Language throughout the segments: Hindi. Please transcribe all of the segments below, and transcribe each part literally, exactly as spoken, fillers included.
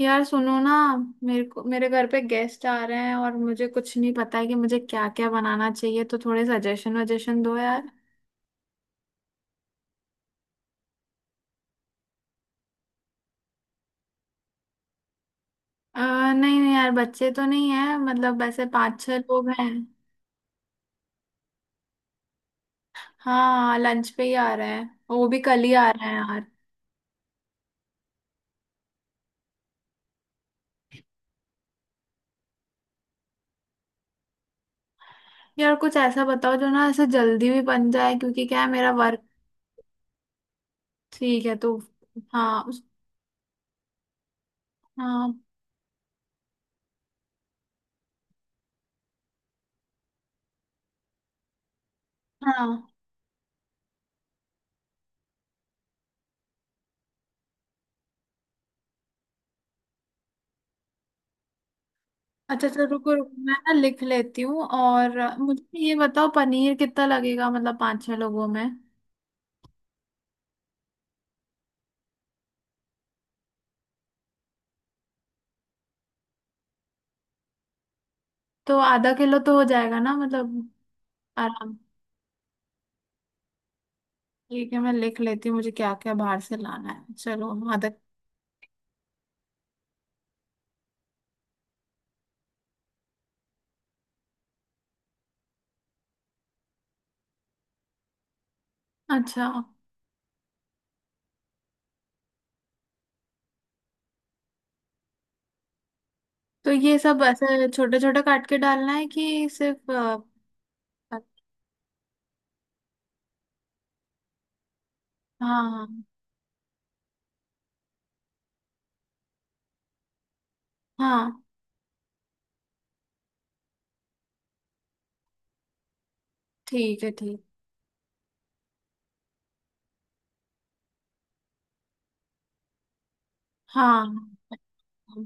यार सुनो ना। मेरे को मेरे घर पे गेस्ट आ रहे हैं और मुझे कुछ नहीं पता है कि मुझे क्या क्या बनाना चाहिए, तो थोड़े सजेशन वजेशन दो यार। अ, नहीं नहीं यार, बच्चे तो नहीं है, मतलब वैसे पाँच छह लोग हैं। हाँ, लंच पे ही आ रहे हैं। और वो भी कल ही आ रहे हैं यार। यार कुछ ऐसा बताओ जो ना ऐसे जल्दी भी बन जाए, क्योंकि क्या है मेरा वर्क। ठीक है तो। हाँ उस। हाँ। हाँ। अच्छा अच्छा, रुको रुको, मैं ना लिख लेती हूँ। और मुझे ये बताओ पनीर कितना लगेगा, मतलब पाँच छह लोगों में। तो आधा किलो तो हो जाएगा ना, मतलब। आराम। ठीक है, मैं लिख लेती हूँ मुझे क्या क्या बाहर से लाना है। चलो, आधा। अच्छा। तो ये सब ऐसे छोटे छोटे काट के डालना है कि सिर्फ अ, अ- हाँ। हाँ। ठीक है। ठीक। हाँ हाँ,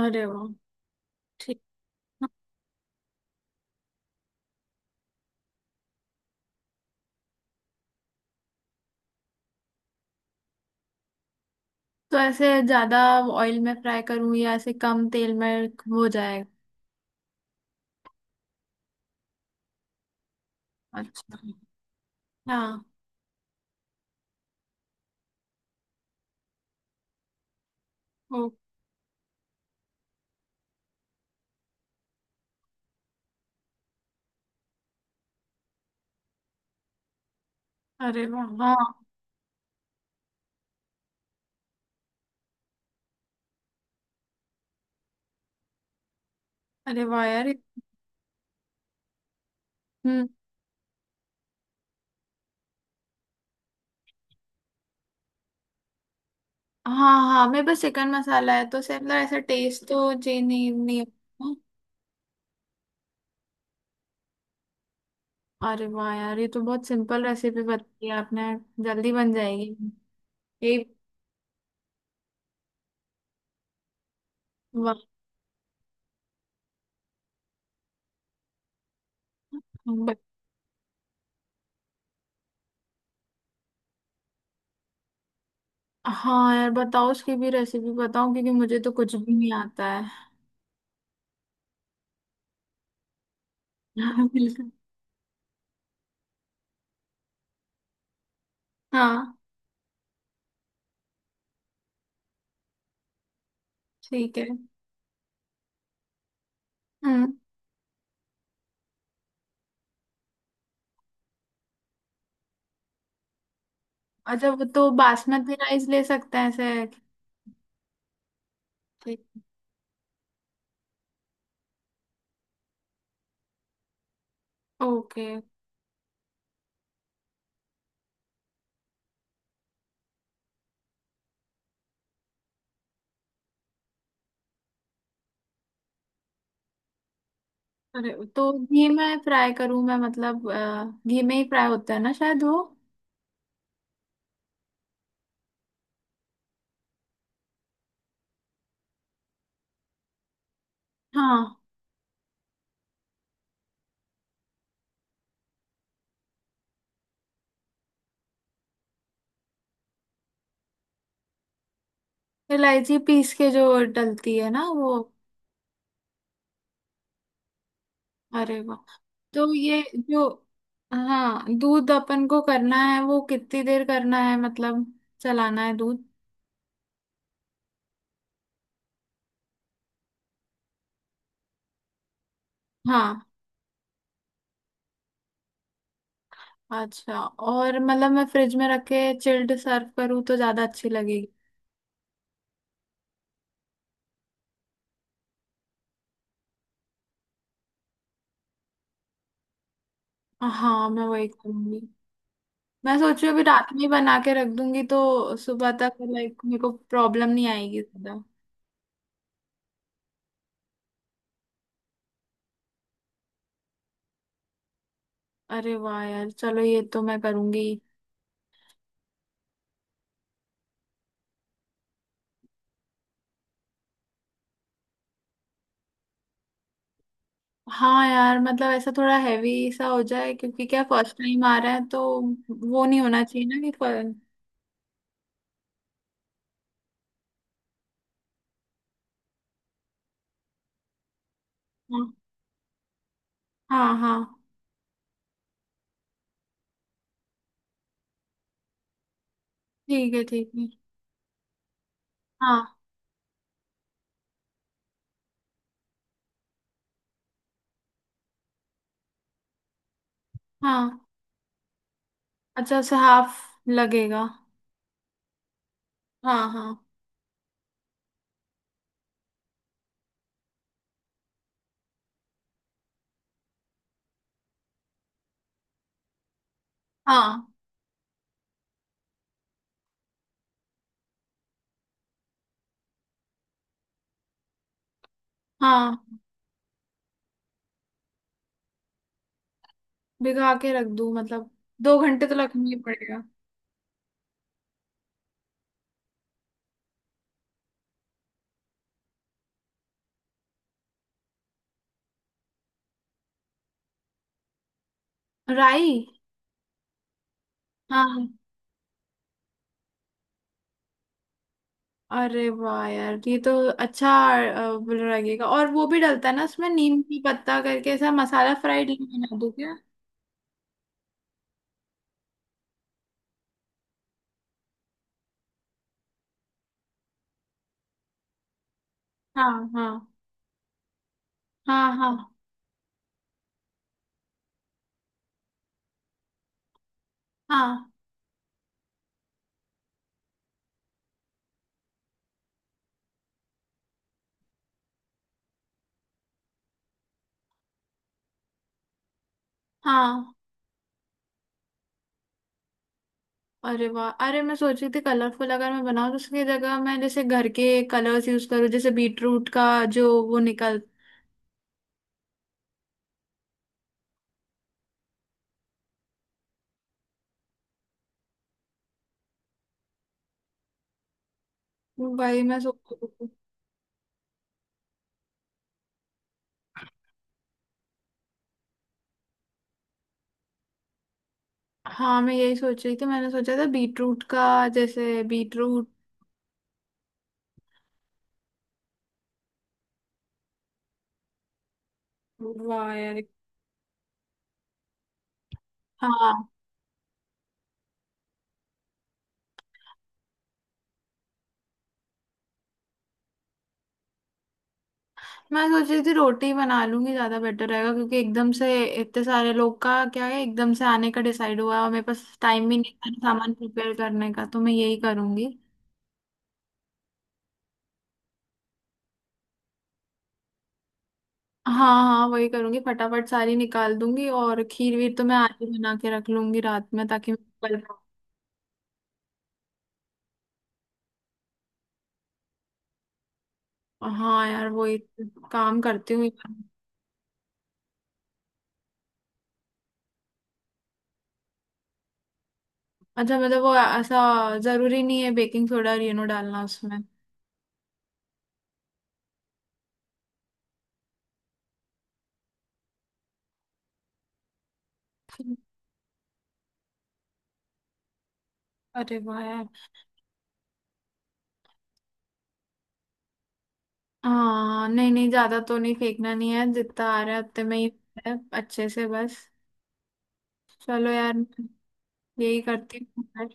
अरे वाह। ठीक। तो ऐसे ज्यादा ऑयल में फ्राई करूँ या ऐसे कम तेल में हो जाएगा। अच्छा। हाँ। ओ। अरे वाह हाँ। अरे वाह यार। हम्म। हाँ। हाँ मेरे पास चिकन मसाला है, तो से मतलब ऐसा टेस्ट तो चेंज नहीं नहीं होगा। अरे वाह यार, ये तो बहुत सिंपल रेसिपी बताई आपने। जल्दी बन जाएगी ये। वाह। ब- हाँ यार, बताओ उसकी भी रेसिपी बताओ, क्योंकि मुझे तो कुछ भी नहीं आता है। बिल्कुल। हाँ। ठीक है। हम्म। अच्छा, वो तो बासमती राइस ले सकते हैं ऐसे। ठीक। ओके। अरे, तो घी में फ्राई करूँ मैं, मतलब अ, घी में ही फ्राई होता है ना शायद वो। हाँ। इलायची पीस के जो डलती है ना, वो। अरे वाह। तो ये जो। हाँ, दूध अपन को करना है वो कितनी देर करना है, मतलब चलाना है दूध। हाँ। अच्छा, और मतलब मैं फ्रिज में रख के चिल्ड सर्व करूँ तो ज्यादा अच्छी लगेगी। हाँ, मैं वही करूंगी। मैं सोच रही हूँ अभी रात में ही बना के रख दूंगी, तो सुबह तक लाइक मेरे को प्रॉब्लम नहीं आएगी ज्यादा। अरे वाह यार, चलो ये तो मैं करूंगी। हाँ यार, मतलब ऐसा थोड़ा हैवी सा हो जाए, क्योंकि क्या फर्स्ट टाइम आ रहा है तो वो नहीं होना चाहिए ना कि फर... हाँ। हाँ। हाँ, ठीक है ठीक है। हाँ हाँ। अच्छा, उसे हाफ लगेगा। हाँ हाँ। हाँ। हाँ, भिगा के रख दूँ मतलब, दो घंटे तो रखना ही पड़ेगा। राई। हाँ। अरे वाह यार, ये तो अच्छा अ, लगेगा। और वो भी डलता है ना उसमें, नीम की पत्ता करके ऐसा मसाला फ्राइड बना दूँ क्या। हाँ। हाँ। हाँ। हाँ। हाँ। हाँ। अरे वाह! अरे मैं सोच रही थी कलरफुल अगर मैं बनाऊँ तो उसकी जगह मैं जैसे घर के कलर्स यूज करूँ, जैसे बीटरूट का जो वो निकल। भाई, मैं सोच रही थी। हाँ मैं यही सोच रही थी, मैंने सोचा था बीटरूट का, जैसे बीटरूट। वाह यार। हाँ, मैं सोच रही थी रोटी बना लूंगी, ज्यादा बेटर रहेगा, क्योंकि एकदम से इतने सारे लोग का क्या है, एकदम से आने का डिसाइड हुआ है और मेरे पास टाइम भी नहीं था सामान प्रिपेयर करने का, तो मैं यही करूंगी। हाँ। हाँ, वही करूंगी, फटाफट सारी निकाल दूंगी। और खीर वीर तो मैं आज ही बना के रख लूंगी रात में, ताकि मैं कल। हाँ यार, वही काम करती हूँ। अच्छा, मतलब वो ऐसा जरूरी नहीं है बेकिंग सोडा और नो डालना उसमें। अरे वाह यार। हाँ नहीं नहीं, ज्यादा तो नहीं, फेंकना नहीं है, जितना आ रहा है उतने में ही है, अच्छे से बस। चलो यार। यही करती हूँ मैं।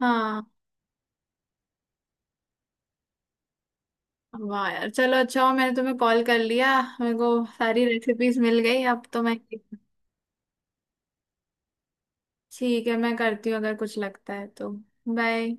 हाँ। वाह यार, चलो अच्छा हो मैंने तुम्हें कॉल कर लिया, मेरे को सारी रेसिपीज मिल गई, अब तो मैं। ठीक है, मैं करती हूँ अगर कुछ लगता है तो। बाय।